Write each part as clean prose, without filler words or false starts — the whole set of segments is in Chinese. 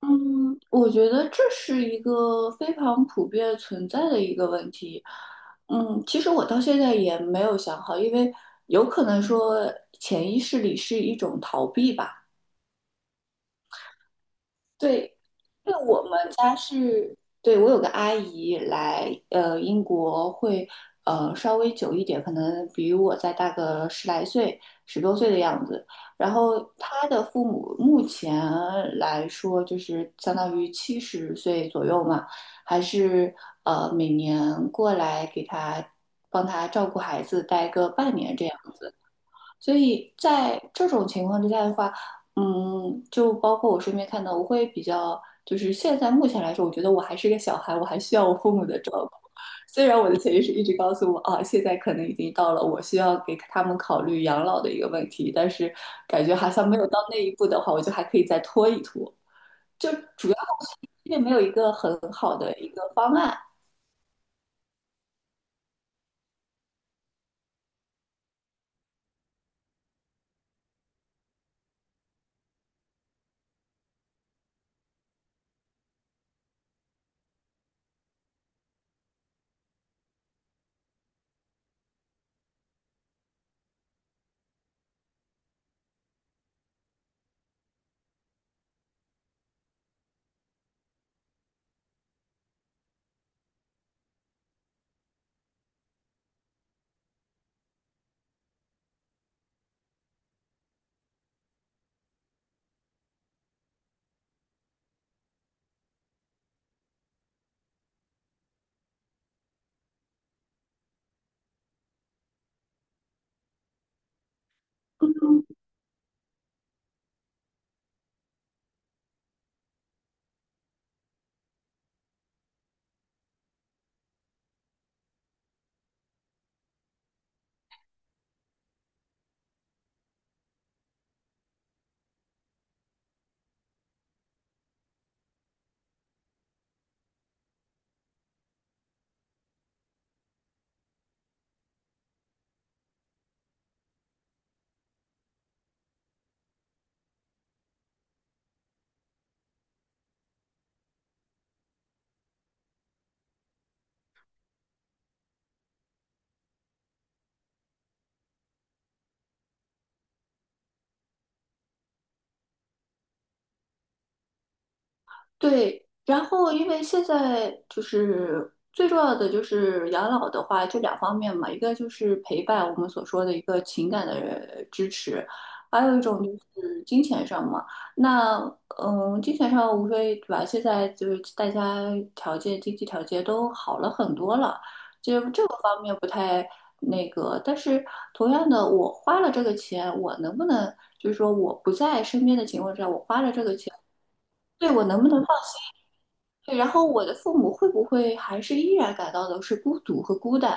嗯，我觉得这是一个非常普遍存在的一个问题。嗯，其实我到现在也没有想好，因为有可能说潜意识里是一种逃避吧。对，对我们家是，对我有个阿姨来，英国会，稍微久一点，可能比我再大个十来岁、十多岁的样子。然后她的父母目前来说，就是相当于70岁左右嘛，还是每年过来给她帮她照顾孩子，待个半年这样。所以在这种情况之下的话，就包括我身边看到，我会比较，就是现在目前来说，我觉得我还是个小孩，我还需要我父母的照顾。虽然我的潜意识一直告诉我，啊，现在可能已经到了我需要给他们考虑养老的一个问题，但是感觉好像没有到那一步的话，我就还可以再拖一拖。就主要还是因为没有一个很好的一个方案。对，然后因为现在就是最重要的就是养老的话，就两方面嘛，一个就是陪伴，我们所说的一个情感的支持，还有一种就是金钱上嘛。那金钱上无非对吧？现在就是大家条件、经济条件都好了很多了，就这个方面不太那个。但是同样的，我花了这个钱，我能不能就是说我不在身边的情况下，我花了这个钱。对，我能不能对，然后我的父母会不会还是依然感到的是孤独和孤单？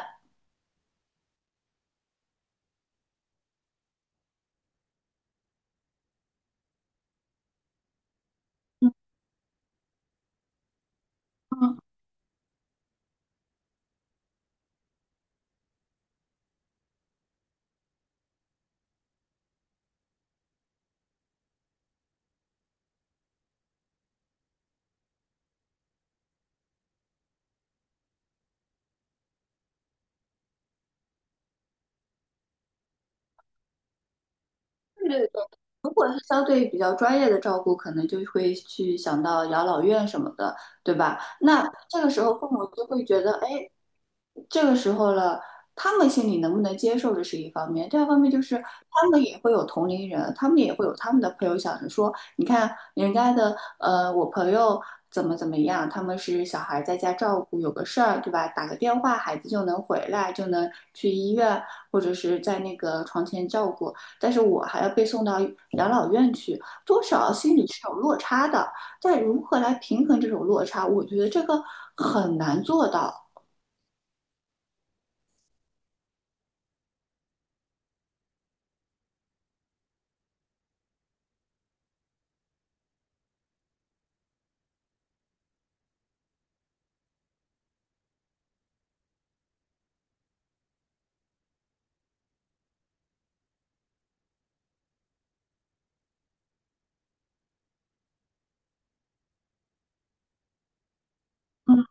嗯，嗯，对是的，如果是相对比较专业的照顾，可能就会去想到养老院什么的，对吧？那这个时候父母就会觉得，哎，这个时候了，他们心里能不能接受，这是一方面；第二方面就是他们也会有同龄人，他们也会有他们的朋友想着说，你看人家的我朋友怎么怎么样，他们是小孩在家照顾，有个事儿，对吧？打个电话，孩子就能回来，就能去医院或者是在那个床前照顾，但是我还要被送到养老院去，多少心里是有落差的。但如何来平衡这种落差，我觉得这个很难做到。嗯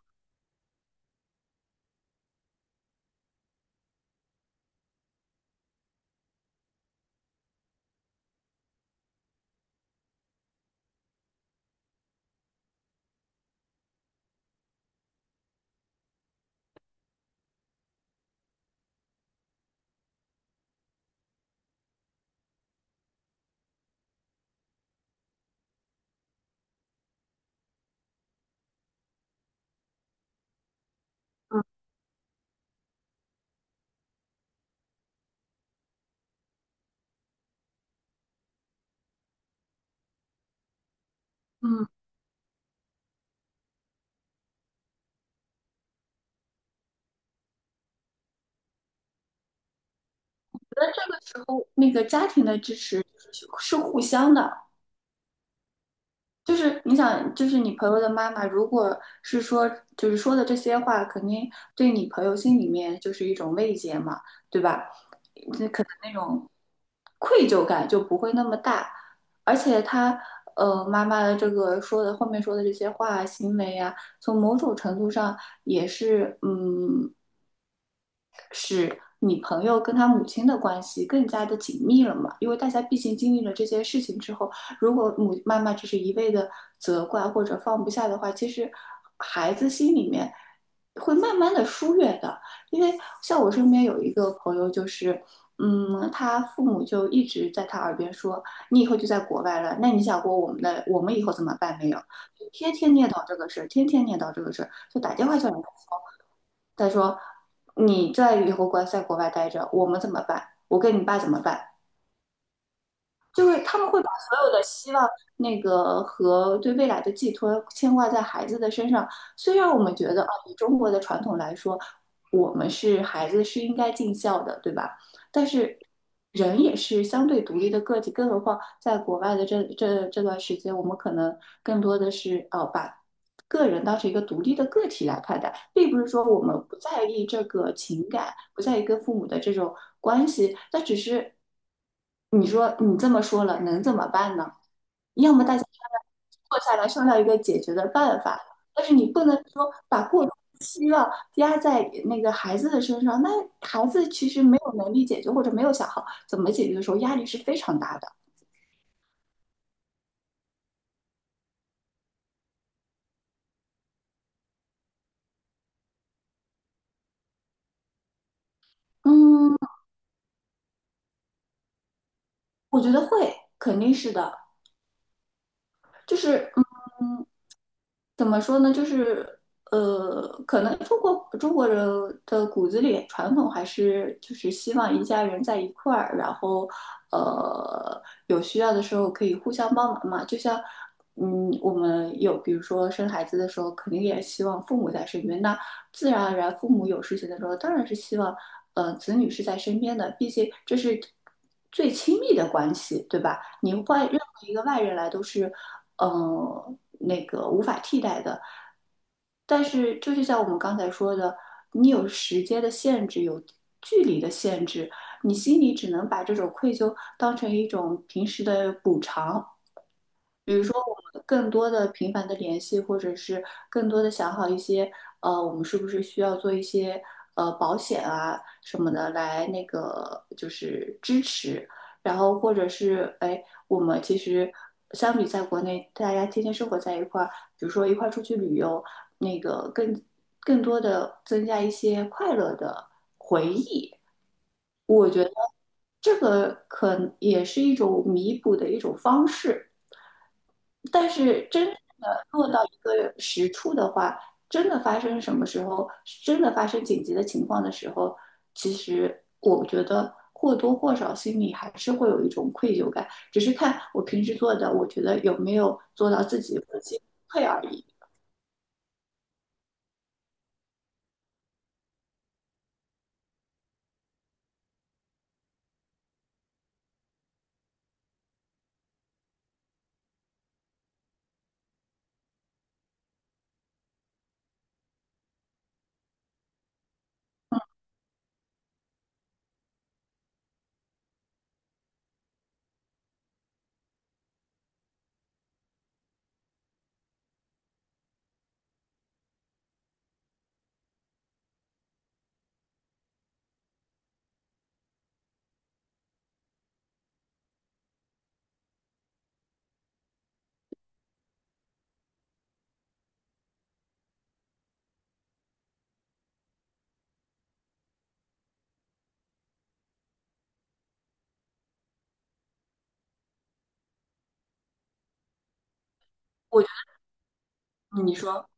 嗯。时候那个家庭的支持是互相的，就是你想，就是你朋友的妈妈，如果是说就是说的这些话，肯定对你朋友心里面就是一种慰藉嘛，对吧？这种愧疚感就不会那么大，而且他妈妈的这个说的后面说的这些话、行为啊，从某种程度上也是你朋友跟他母亲的关系更加的紧密了嘛？因为大家毕竟经历了这些事情之后，如果妈妈只是一味的责怪或者放不下的话，其实孩子心里面会慢慢的疏远的。因为像我身边有一个朋友，就是他父母就一直在他耳边说：“你以后就在国外了，那你想过我们以后怎么办没有？”天天念叨这个事儿，天天念叨这个事儿，就打电话叫你，来说，他说你在以后在国外待着，我们怎么办？我跟你爸怎么办？就是他们会把所有的希望、那个和对未来的寄托牵挂在孩子的身上。虽然我们觉得啊，以中国的传统来说，我们是孩子是应该尽孝的，对吧？但是人也是相对独立的个体，更何况在国外的这段时间，我们可能更多的是把个人当成一个独立的个体来看待，并不是说我们不在意这个情感，不在意跟父母的这种关系，那只是你说你这么说了，能怎么办呢？要么大家坐下来商量一个解决的办法。但是你不能说把过多的期望压在那个孩子的身上，那孩子其实没有能力解决或者没有想好怎么解决的时候，压力是非常大的。嗯，我觉得会，肯定是的。就是嗯，怎么说呢？就是可能中国人的骨子里传统还是就是希望一家人在一块儿，然后呃有需要的时候可以互相帮忙嘛。就像我们有比如说生孩子的时候，肯定也希望父母在身边。那自然而然，父母有事情的时候，当然是希望子女是在身边的，毕竟这是最亲密的关系，对吧？你换任何一个外人来都是嗯、呃那个无法替代的。但是就是像我们刚才说的，你有时间的限制，有距离的限制，你心里只能把这种愧疚当成一种平时的补偿，比如说，我们更多的频繁的联系，或者是更多的想好一些，我们是不是需要做一些保险啊什么的来那个就是支持，然后或者是哎，我们其实相比在国内大家天天生活在一块儿，比如说一块儿出去旅游，那个更多的增加一些快乐的。这个可也是一种弥补的一种方式。但是真的落到一个实处的话，真的发生什么时候，真的发生紧急的情况的时候，其实我觉得或多或少心里还是会有一种愧疚感，只是看我平时做的，我觉得有没有做到自己的心退而已。我你说，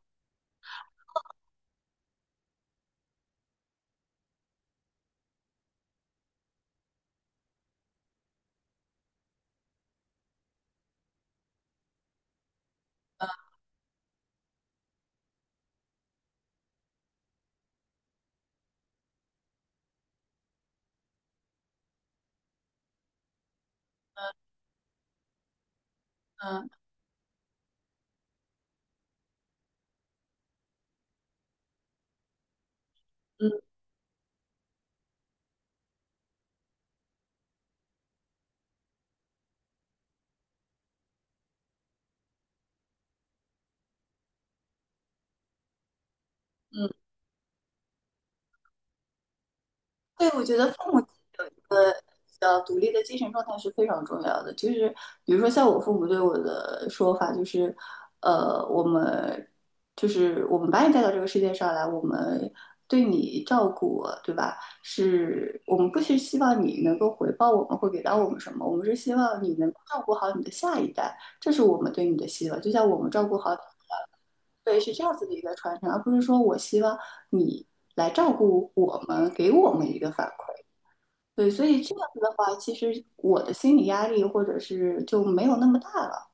嗯嗯嗯对，我觉得父母有一个比较独立的精神状态是非常重要的。就是比如说，像我父母对我的说法，就是，我们就是我们把你带到这个世界上来，我们对你照顾，对吧？是我们不是希望你能够回报我们会给到我们什么，我们是希望你能够照顾好你的下一代，这是我们对你的希望。就像我们照顾好你，对，是这样子的一个传承，而不是说我希望你来照顾我们，给我们一个反馈。对，所以这样子的话，其实我的心理压力或者是就没有那么大了。